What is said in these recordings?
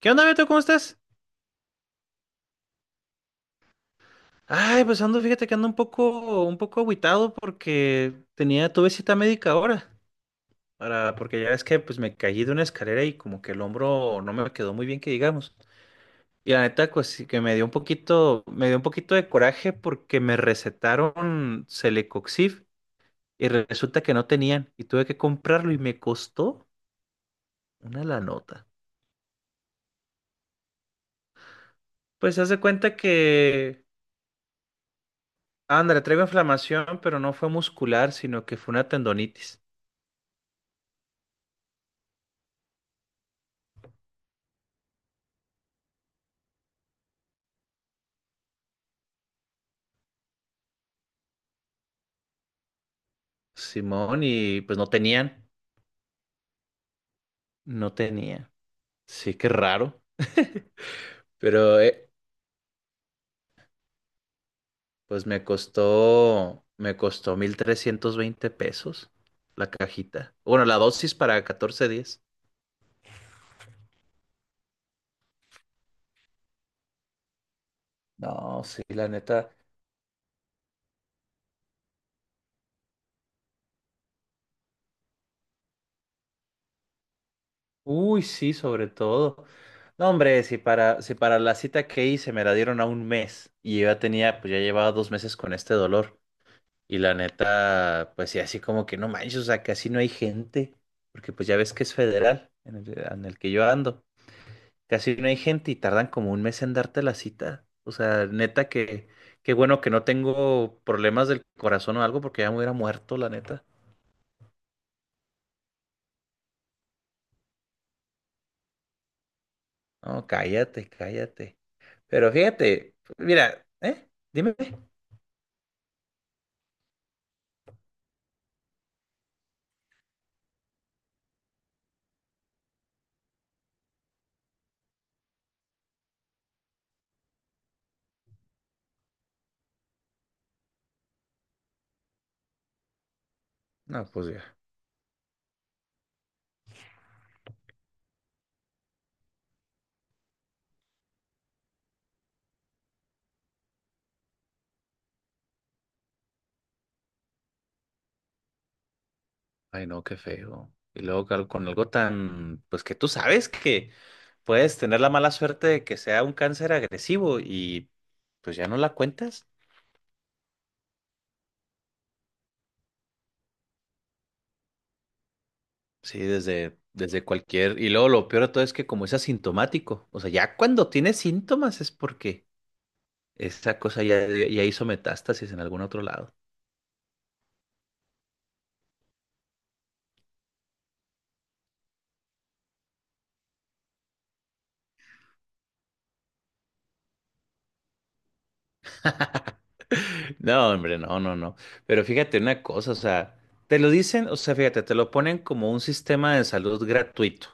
¿Qué onda, Beto? ¿Cómo estás? Ay, pues ando, fíjate que ando un poco agüitado porque tuve cita médica ahora, porque ya ves que pues me caí de una escalera y como que el hombro no me quedó muy bien que digamos. Y la neta, pues sí que me dio un poquito de coraje porque me recetaron Celecoxib y resulta que no tenían y tuve que comprarlo y me costó una la nota. Pues se hace cuenta que, ándale, traigo inflamación, pero no fue muscular, sino que fue una tendonitis. Simón y pues no tenían. Sí, qué raro. Pero pues me costó 1,320 pesos la cajita. Bueno, la dosis para 14 días. No, sí, la neta. Uy, sí, sobre todo. No, hombre, si para la cita que hice me la dieron a un mes y yo pues ya llevaba 2 meses con este dolor. Y la neta, pues sí, así como que no manches, o sea, casi no hay gente, porque pues ya ves que es federal en el que yo ando, casi no hay gente y tardan como un mes en darte la cita. O sea, neta que, qué bueno que no tengo problemas del corazón o algo, porque ya me hubiera muerto, la neta. No, cállate, cállate. Pero fíjate, mira, ¿eh? Dime. No, pues ya. Ay, no, qué feo. Y luego con algo tan, pues que tú sabes que puedes tener la mala suerte de que sea un cáncer agresivo y pues ya no la cuentas. Sí, desde cualquier. Y luego lo peor de todo es que como es asintomático, o sea, ya cuando tiene síntomas es porque esa cosa ya hizo metástasis en algún otro lado. No, hombre, no, no, no. Pero fíjate una cosa, o sea, te lo dicen, o sea, fíjate, te lo ponen como un sistema de salud gratuito,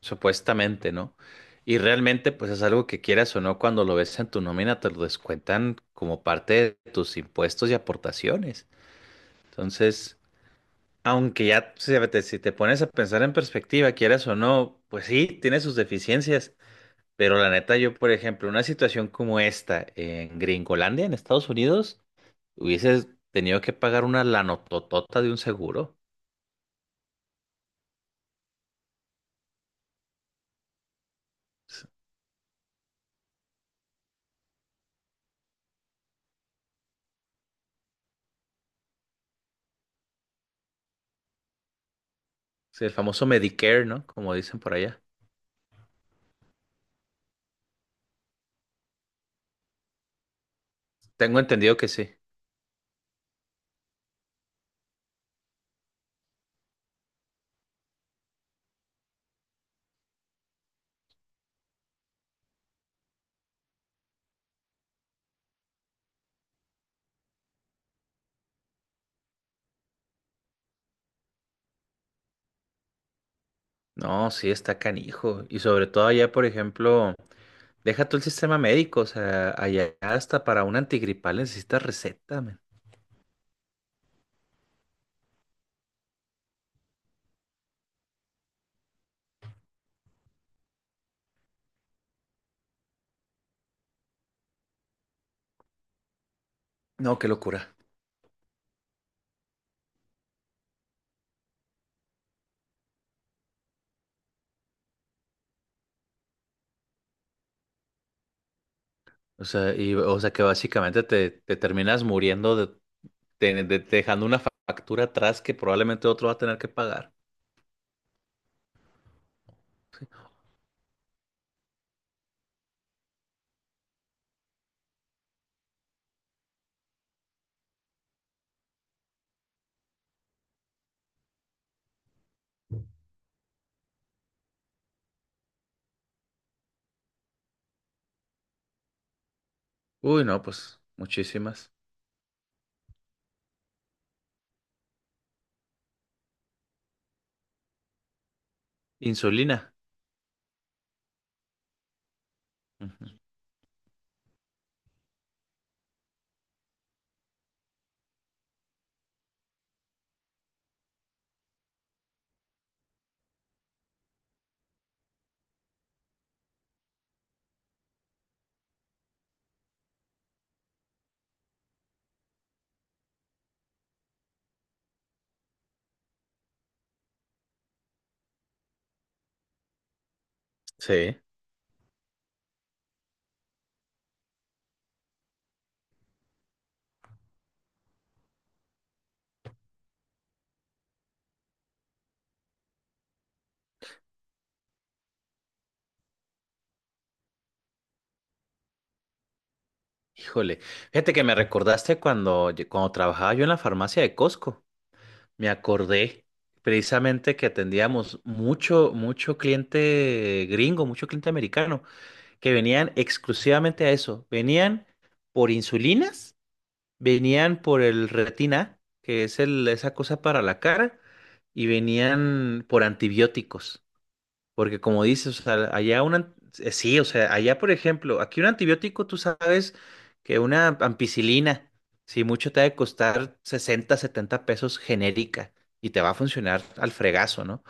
supuestamente, ¿no? Y realmente, pues es algo que quieras o no, cuando lo ves en tu nómina, te lo descuentan como parte de tus impuestos y aportaciones. Entonces, aunque ya, fíjate, si te pones a pensar en perspectiva, quieras o no, pues sí, tiene sus deficiencias. Pero la neta, yo, por ejemplo, una situación como esta en Gringolandia, en Estados Unidos, hubieses tenido que pagar una lanototota de un seguro. Sí, el famoso Medicare, ¿no? Como dicen por allá. Tengo entendido que sí. No, sí, está canijo. Y sobre todo allá, por ejemplo, deja tú el sistema médico. O sea, allá hasta para un antigripal necesitas receta, man. No, qué locura. O sea, y, o sea que básicamente te terminas muriendo dejando una factura atrás que probablemente otro va a tener que pagar. Uy, no, pues muchísimas. Insulina. Ujú. Sí. Híjole, fíjate que me recordaste cuando trabajaba yo en la farmacia de Costco. Me acordé precisamente que atendíamos mucho, mucho cliente gringo, mucho cliente americano, que venían exclusivamente a eso. Venían por insulinas, venían por el, Retina, que es esa cosa para la cara, y venían por antibióticos. Porque como dices, o sea, allá sí, o sea, allá por ejemplo, aquí un antibiótico, tú sabes que una ampicilina, si mucho te ha de costar 60, 70 pesos genérica y te va a funcionar al fregazo, ¿no?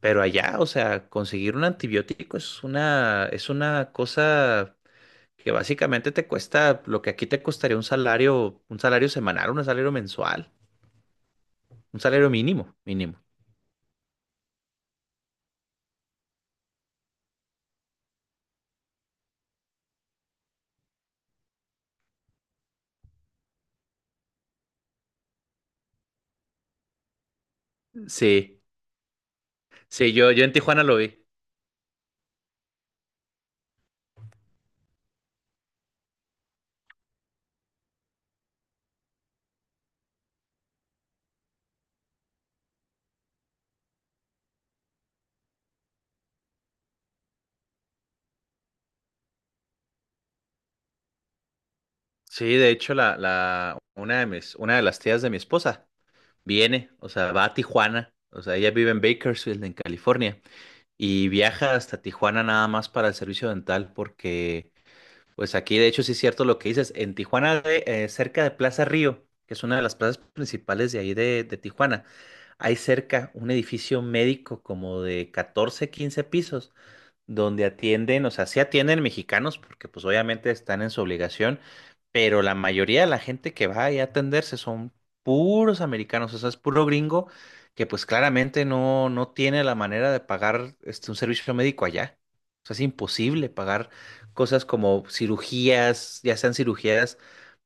Pero allá, o sea, conseguir un antibiótico es una cosa que básicamente te cuesta lo que aquí te costaría un salario semanal, un salario mensual, un salario mínimo, mínimo. Sí, sí, yo en Tijuana lo vi. Sí, de hecho, la, una de mis, una de las tías de mi esposa o sea, va a Tijuana, o sea, ella vive en Bakersfield, en California, y viaja hasta Tijuana nada más para el servicio dental, porque, pues aquí, de hecho, sí es cierto lo que dices, en Tijuana, cerca de Plaza Río, que es una de las plazas principales de ahí de Tijuana, hay cerca un edificio médico como de 14, 15 pisos donde atienden, o sea, sí atienden mexicanos porque pues obviamente están en su obligación, pero la mayoría de la gente que va ahí a atenderse son puros americanos, o sea, es puro gringo que pues claramente no tiene la manera de pagar este, un servicio médico allá. O sea, es imposible pagar cosas como cirugías, ya sean cirugías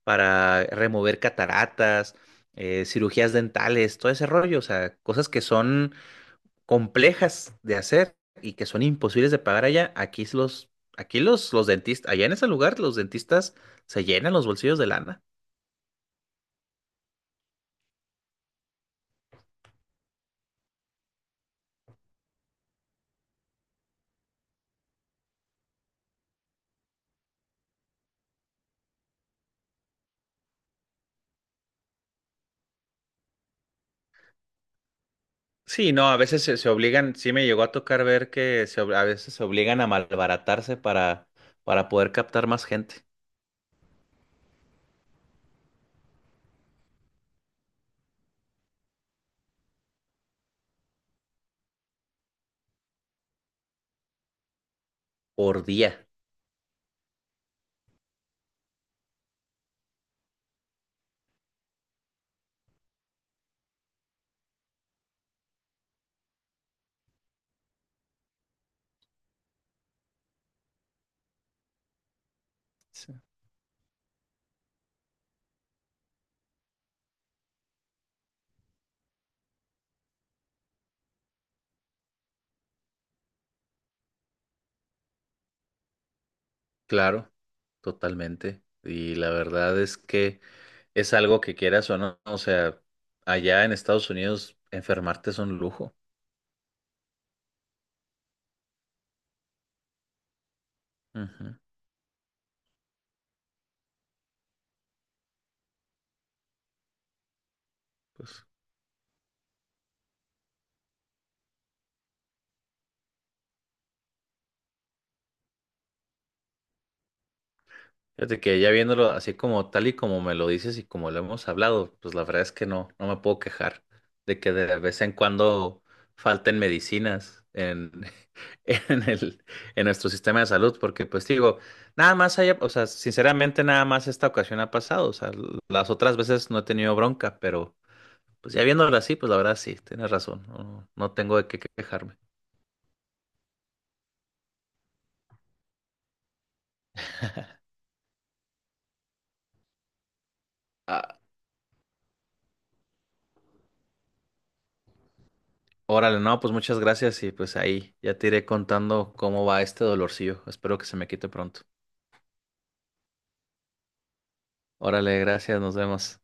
para remover cataratas, cirugías dentales, todo ese rollo, o sea, cosas que son complejas de hacer y que son imposibles de pagar allá, los dentistas, allá en ese lugar los dentistas se llenan los bolsillos de lana. Sí, no, a veces se obligan, sí me llegó a tocar ver que a veces se obligan a malbaratarse para poder captar más gente por día. Sí. Claro, totalmente. Y la verdad es que es algo que quieras o no, o sea, allá en Estados Unidos enfermarte es un lujo. Ujú. Fíjate que ya viéndolo así como tal y como me lo dices y como lo hemos hablado, pues la verdad es que no me puedo quejar de que de vez en cuando falten medicinas en, en el, en nuestro sistema de salud, porque pues digo, nada más haya, o sea, sinceramente nada más esta ocasión ha pasado, o sea, las otras veces no he tenido bronca, pero pues ya viéndolo así, pues la verdad sí, tienes razón, no tengo de qué quejarme. Órale, no, pues muchas gracias y pues ahí ya te iré contando cómo va este dolorcillo. Espero que se me quite pronto. Órale, gracias, nos vemos.